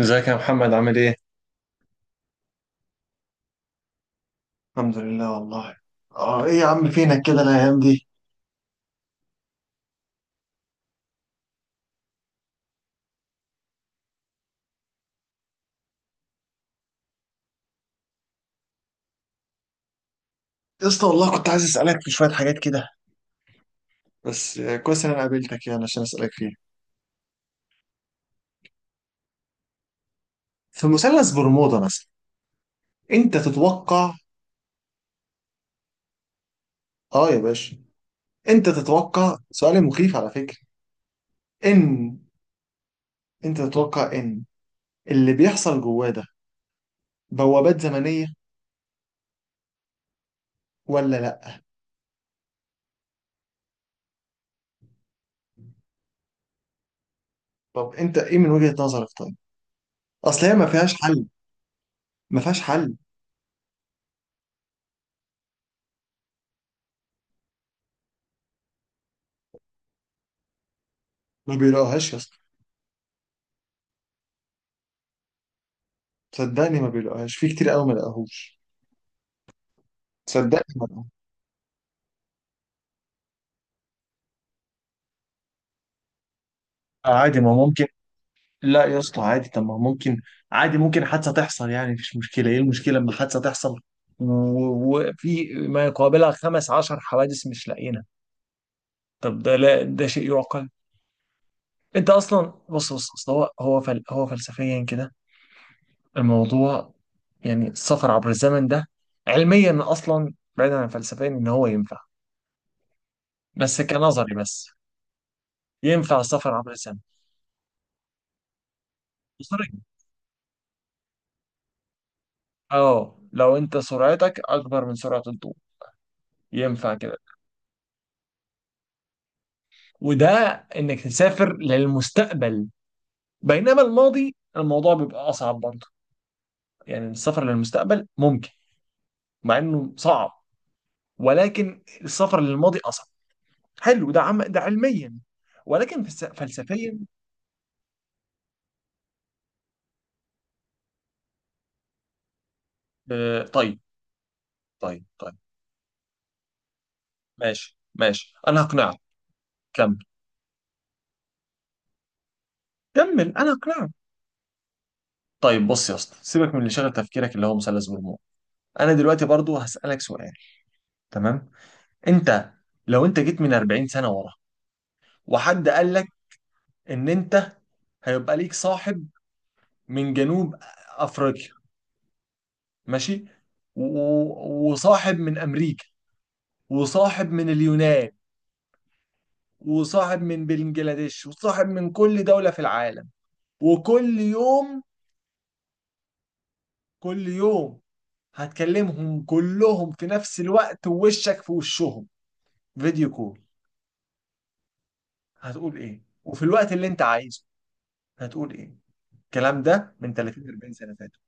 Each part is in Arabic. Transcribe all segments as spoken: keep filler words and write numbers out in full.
ازيك يا محمد عامل ايه؟ الحمد لله والله. اه ايه يا عم فينك كده الايام دي؟ يا اسطى والله كنت عايز اسالك في شويه حاجات كده، بس آه، كويس ان انا قابلتك يعني عشان اسالك فيها. في مثلث برمودا مثلا انت تتوقع؟ اه يا باشا. انت تتوقع، سؤال مخيف على فكره. ان انت تتوقع ان اللي بيحصل جواه ده بوابات زمنيه ولا لا؟ طب انت ايه من وجهه نظرك طيب؟ اصل هي ما فيهاش حل، ما فيهاش حل. ما بيلاقوهاش يا اسطى، صدقني ما بيلاقوهاش في كتير قوي ما لاقوهوش. تصدقني، آه، عادي ما ممكن. لا يا اسطى عادي، طب ما ممكن، عادي ممكن حادثة تحصل يعني مفيش مشكلة، ايه المشكلة لما حادثة تحصل و- وفي ما يقابلها خمس عشر حوادث مش لاقينا؟ طب ده لا ده شيء يعقل. انت اصلا بص بص أصل هو هو فل هو فلسفيا كده الموضوع، يعني السفر عبر الزمن ده علميا اصلا بعيدا عن فلسفيا ان هو ينفع، بس كنظري بس، ينفع السفر عبر الزمن بسرعة. اه لو انت سرعتك اكبر من سرعة الضوء ينفع كده. وده انك تسافر للمستقبل، بينما الماضي الموضوع بيبقى اصعب برضه. يعني السفر للمستقبل ممكن مع انه صعب، ولكن السفر للماضي اصعب. حلو ده عم ده علميا، ولكن فلس- فلسفيا. آه، طيب طيب طيب، ماشي ماشي انا هقنعك. كمل، كمل انا هقنعك. طيب بص يا اسطى سيبك من اللي شغل تفكيرك اللي هو مثلث برمودا، انا دلوقتي برضو هسألك سؤال، تمام؟ انت لو انت جيت من أربعين سنة ورا وحد قال لك ان انت هيبقى ليك صاحب من جنوب افريقيا، ماشي، و- وصاحب من امريكا وصاحب من اليونان وصاحب من بنجلاديش وصاحب من كل دولة في العالم، وكل يوم كل يوم هتكلمهم كلهم في نفس الوقت ووشك في وشهم، فيديو كول، هتقول ايه؟ وفي الوقت اللي انت عايزه هتقول ايه؟ الكلام ده من تلاتين أربعين سنة فاتوا.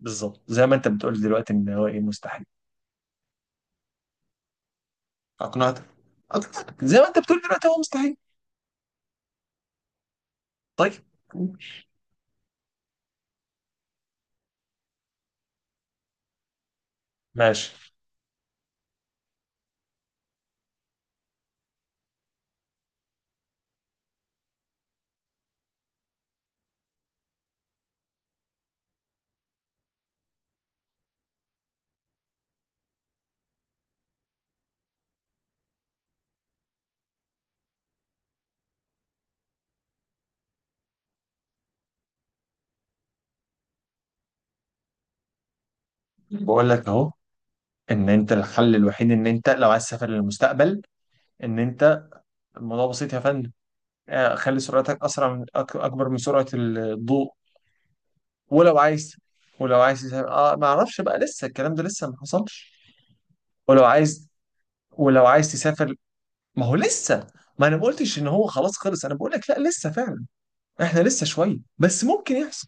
بالظبط زي ما انت بتقول دلوقتي ان هو ايه مستحيل. اقنعتك؟ اقنعتك زي ما انت بتقول دلوقتي هو مستحيل. طيب ماشي، بقول لك اهو، ان انت الحل الوحيد ان انت لو عايز تسافر للمستقبل، ان انت الموضوع بسيط يا فندم، آه، خلي سرعتك اسرع من أك- اكبر من سرعه الضوء. ولو عايز، ولو عايز تسافر اه ما اعرفش بقى لسه الكلام ده لسه ما حصلش. ولو عايز، ولو عايز تسافر، ما هو لسه، ما انا ما قلتش ان هو خلاص خلص، انا بقول لك لا لسه فعلا، احنا لسه شويه بس ممكن يحصل،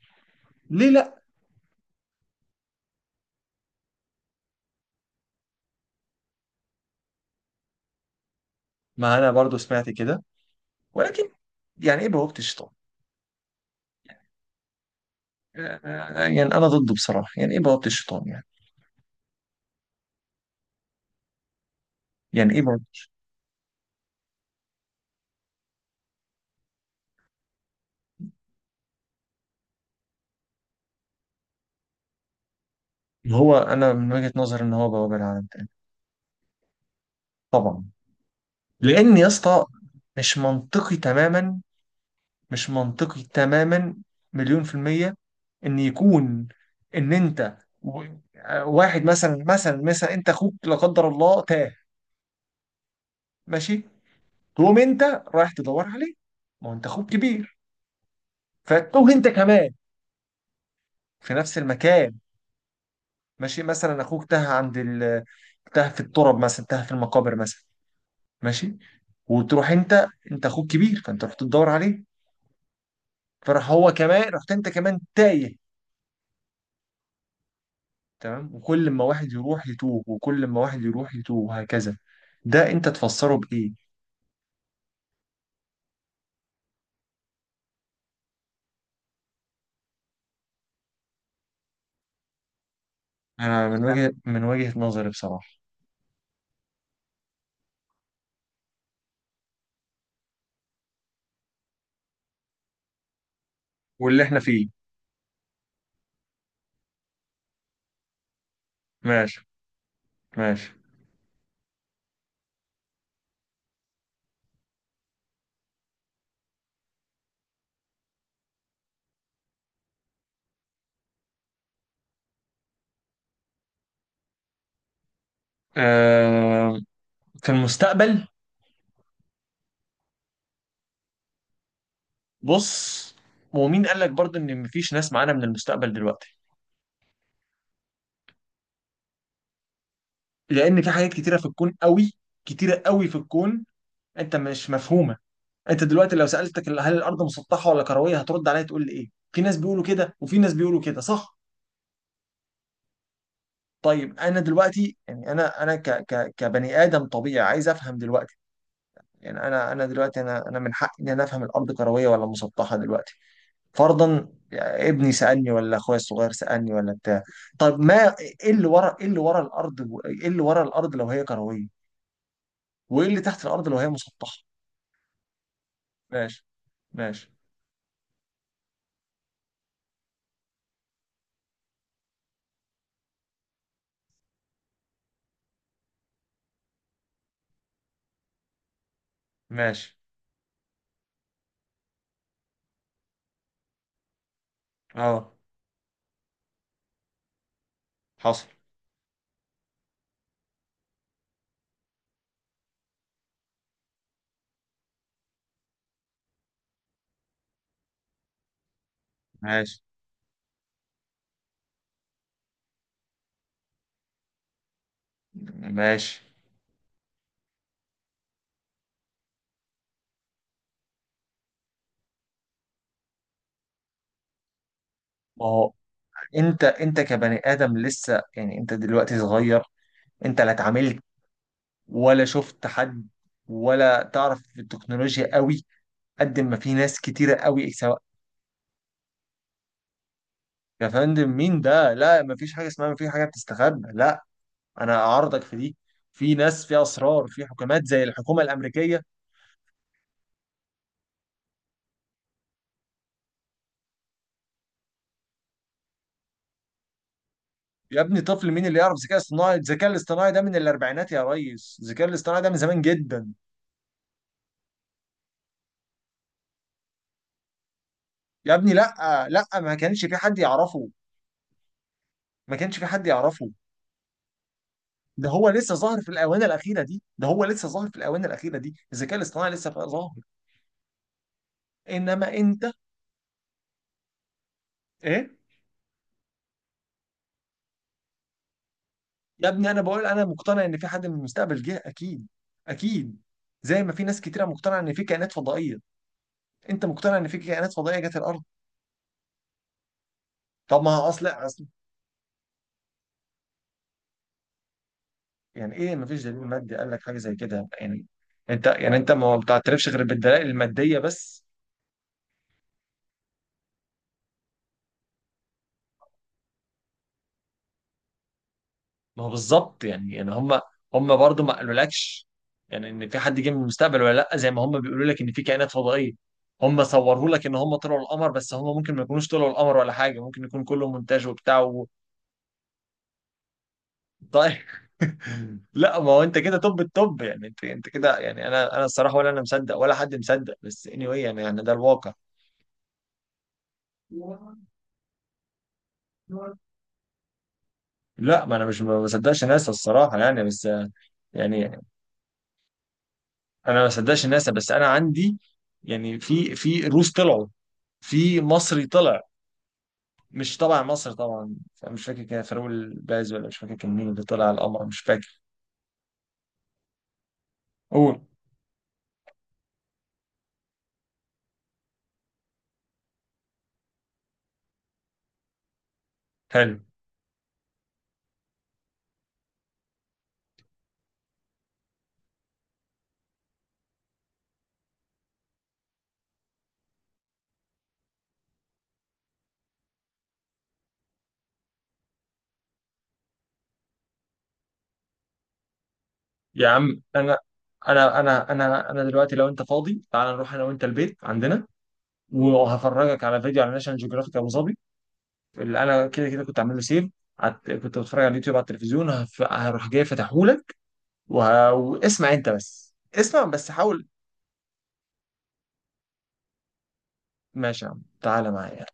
ليه لا؟ ما انا برضو سمعت كده، ولكن يعني ايه بوابة الشيطان؟ آه، يعني انا ضده بصراحة، يعني ايه بوابة الشيطان يعني؟ يعني ايه بوابة. هو انا من وجهة نظري ان هو بوابة لعالم تاني. طبعا، لان يا اسطى مش منطقي تماما، مش منطقي تماما، مليون في المية، ان يكون ان انت و-، آه، واحد مثلا مثلا مثلا انت اخوك لا قدر الله تاه، ماشي، تقوم انت رايح تدور عليه، ما هو انت اخوك كبير فتوه انت كمان في نفس المكان، ماشي، مثلا اخوك تاه عند ال... تاه في التراب مثلا، تاه في المقابر مثلا، ماشي، وتروح انت، انت اخوك كبير فانت رحت تدور عليه، فراح هو كمان رحت انت كمان تايه. تمام، وكل ما واحد يروح يتوه وكل ما واحد يروح يتوه وهكذا. ده انت تفسره بايه؟ انا من وجهة من وجهة نظري بصراحة واللي احنا فيه. ماشي، ماشي. آه، في المستقبل. بص، ومين قال لك برضه ان مفيش ناس معانا من المستقبل دلوقتي؟ لان في حاجات كتيره في الكون قوي، كتيره قوي في الكون انت مش مفهومه. انت دلوقتي لو سالتك ال- هل الارض مسطحه ولا كرويه هترد عليا تقول لي ايه؟ في ناس بيقولوا كده وفي ناس بيقولوا كده، صح؟ طيب انا دلوقتي يعني انا انا ك ك كبني ادم طبيعي عايز افهم دلوقتي. يعني انا انا دلوقتي انا انا من حقي ان انا افهم الارض كرويه ولا مسطحه دلوقتي، فرضا يعني ابني سالني ولا اخويا الصغير سالني ولا بتاع. طب ما ايه اللي ورا ايه اللي ورا الارض؟ ايه اللي ورا الارض لو هي كرويه؟ وايه اللي تحت الارض لو هي مسطحه؟ ماشي ماشي ماشي. اه حصل. ماشي ماشي. ما هو انت انت كبني ادم لسه يعني انت دلوقتي صغير، انت لا اتعاملت ولا شفت حد ولا تعرف في التكنولوجيا قوي قد ما في ناس كتيره قوي سواء. يا فندم مين ده؟ لا ما فيش حاجه اسمها ما في حاجه بتستخبى، لا انا اعارضك في دي، في ناس في اسرار في حكومات زي الحكومه الامريكيه. يا ابني طفل مين اللي يعرف ذكاء اصطناعي؟ الذكاء الاصطناعي ده من الاربعينات يا ريس، الذكاء الاصطناعي ده من زمان جدا. يا ابني لا، لا ما كانش في حد يعرفه، ما كانش في حد يعرفه. ده هو لسه ظاهر في الاونه الاخيره دي، ده هو لسه ظاهر في الاونه الاخيره دي الذكاء الاصطناعي لسه بقى ظاهر. انما انت ايه؟ يا ابني انا بقول انا مقتنع ان في حد من المستقبل جه، اكيد اكيد، زي ما في ناس كتيره مقتنعه ان في كائنات فضائيه. انت مقتنع ان في كائنات فضائيه جت الارض؟ طب ما هو اصل، يعني ايه مفيش دليل مادي قال لك حاجه زي كده؟ يعني انت يعني انت ما بتعترفش غير بالدلائل الماديه بس؟ ما هو بالظبط، يعني يعني هم، هم برضه ما قالولكش يعني ان في حد جه من المستقبل ولا لا، زي ما هم بيقولوا لك ان في كائنات فضائيه. هم صوروا لك ان هم طلعوا القمر، بس هم ممكن ما يكونوش طلعوا القمر ولا حاجه، ممكن يكون كله مونتاج وبتاع و... طيب. لا ما هو انت كده، طب الطب يعني انت انت كده، يعني انا انا الصراحه ولا انا مصدق ولا حد مصدق، بس anyway يعني يعني ده الواقع. لا ما انا مش ما بصدقش ناسا الصراحه يعني، بس يعني انا ما بصدقش ناسا بس انا عندي، يعني في في روس طلعوا، في مصري طلع، مش طبعا مصر طبعا، مش فاكر كان فاروق الباز ولا مش فاكر كان مين اللي طلع على القمر، مش فاكر. قول. حلو. يا عم انا انا انا انا انا دلوقتي لو انت فاضي تعال نروح انا وانت البيت عندنا وهفرجك على فيديو على ناشونال جيوغرافيك ابو ظبي اللي انا كده كده كنت عامل له سيف، عت- كنت بتفرج على اليوتيوب على التلفزيون هف- هروح جاي فاتحهولك، وه- واسمع انت بس، اسمع بس حاول. ماشي يا عم تعالى معايا.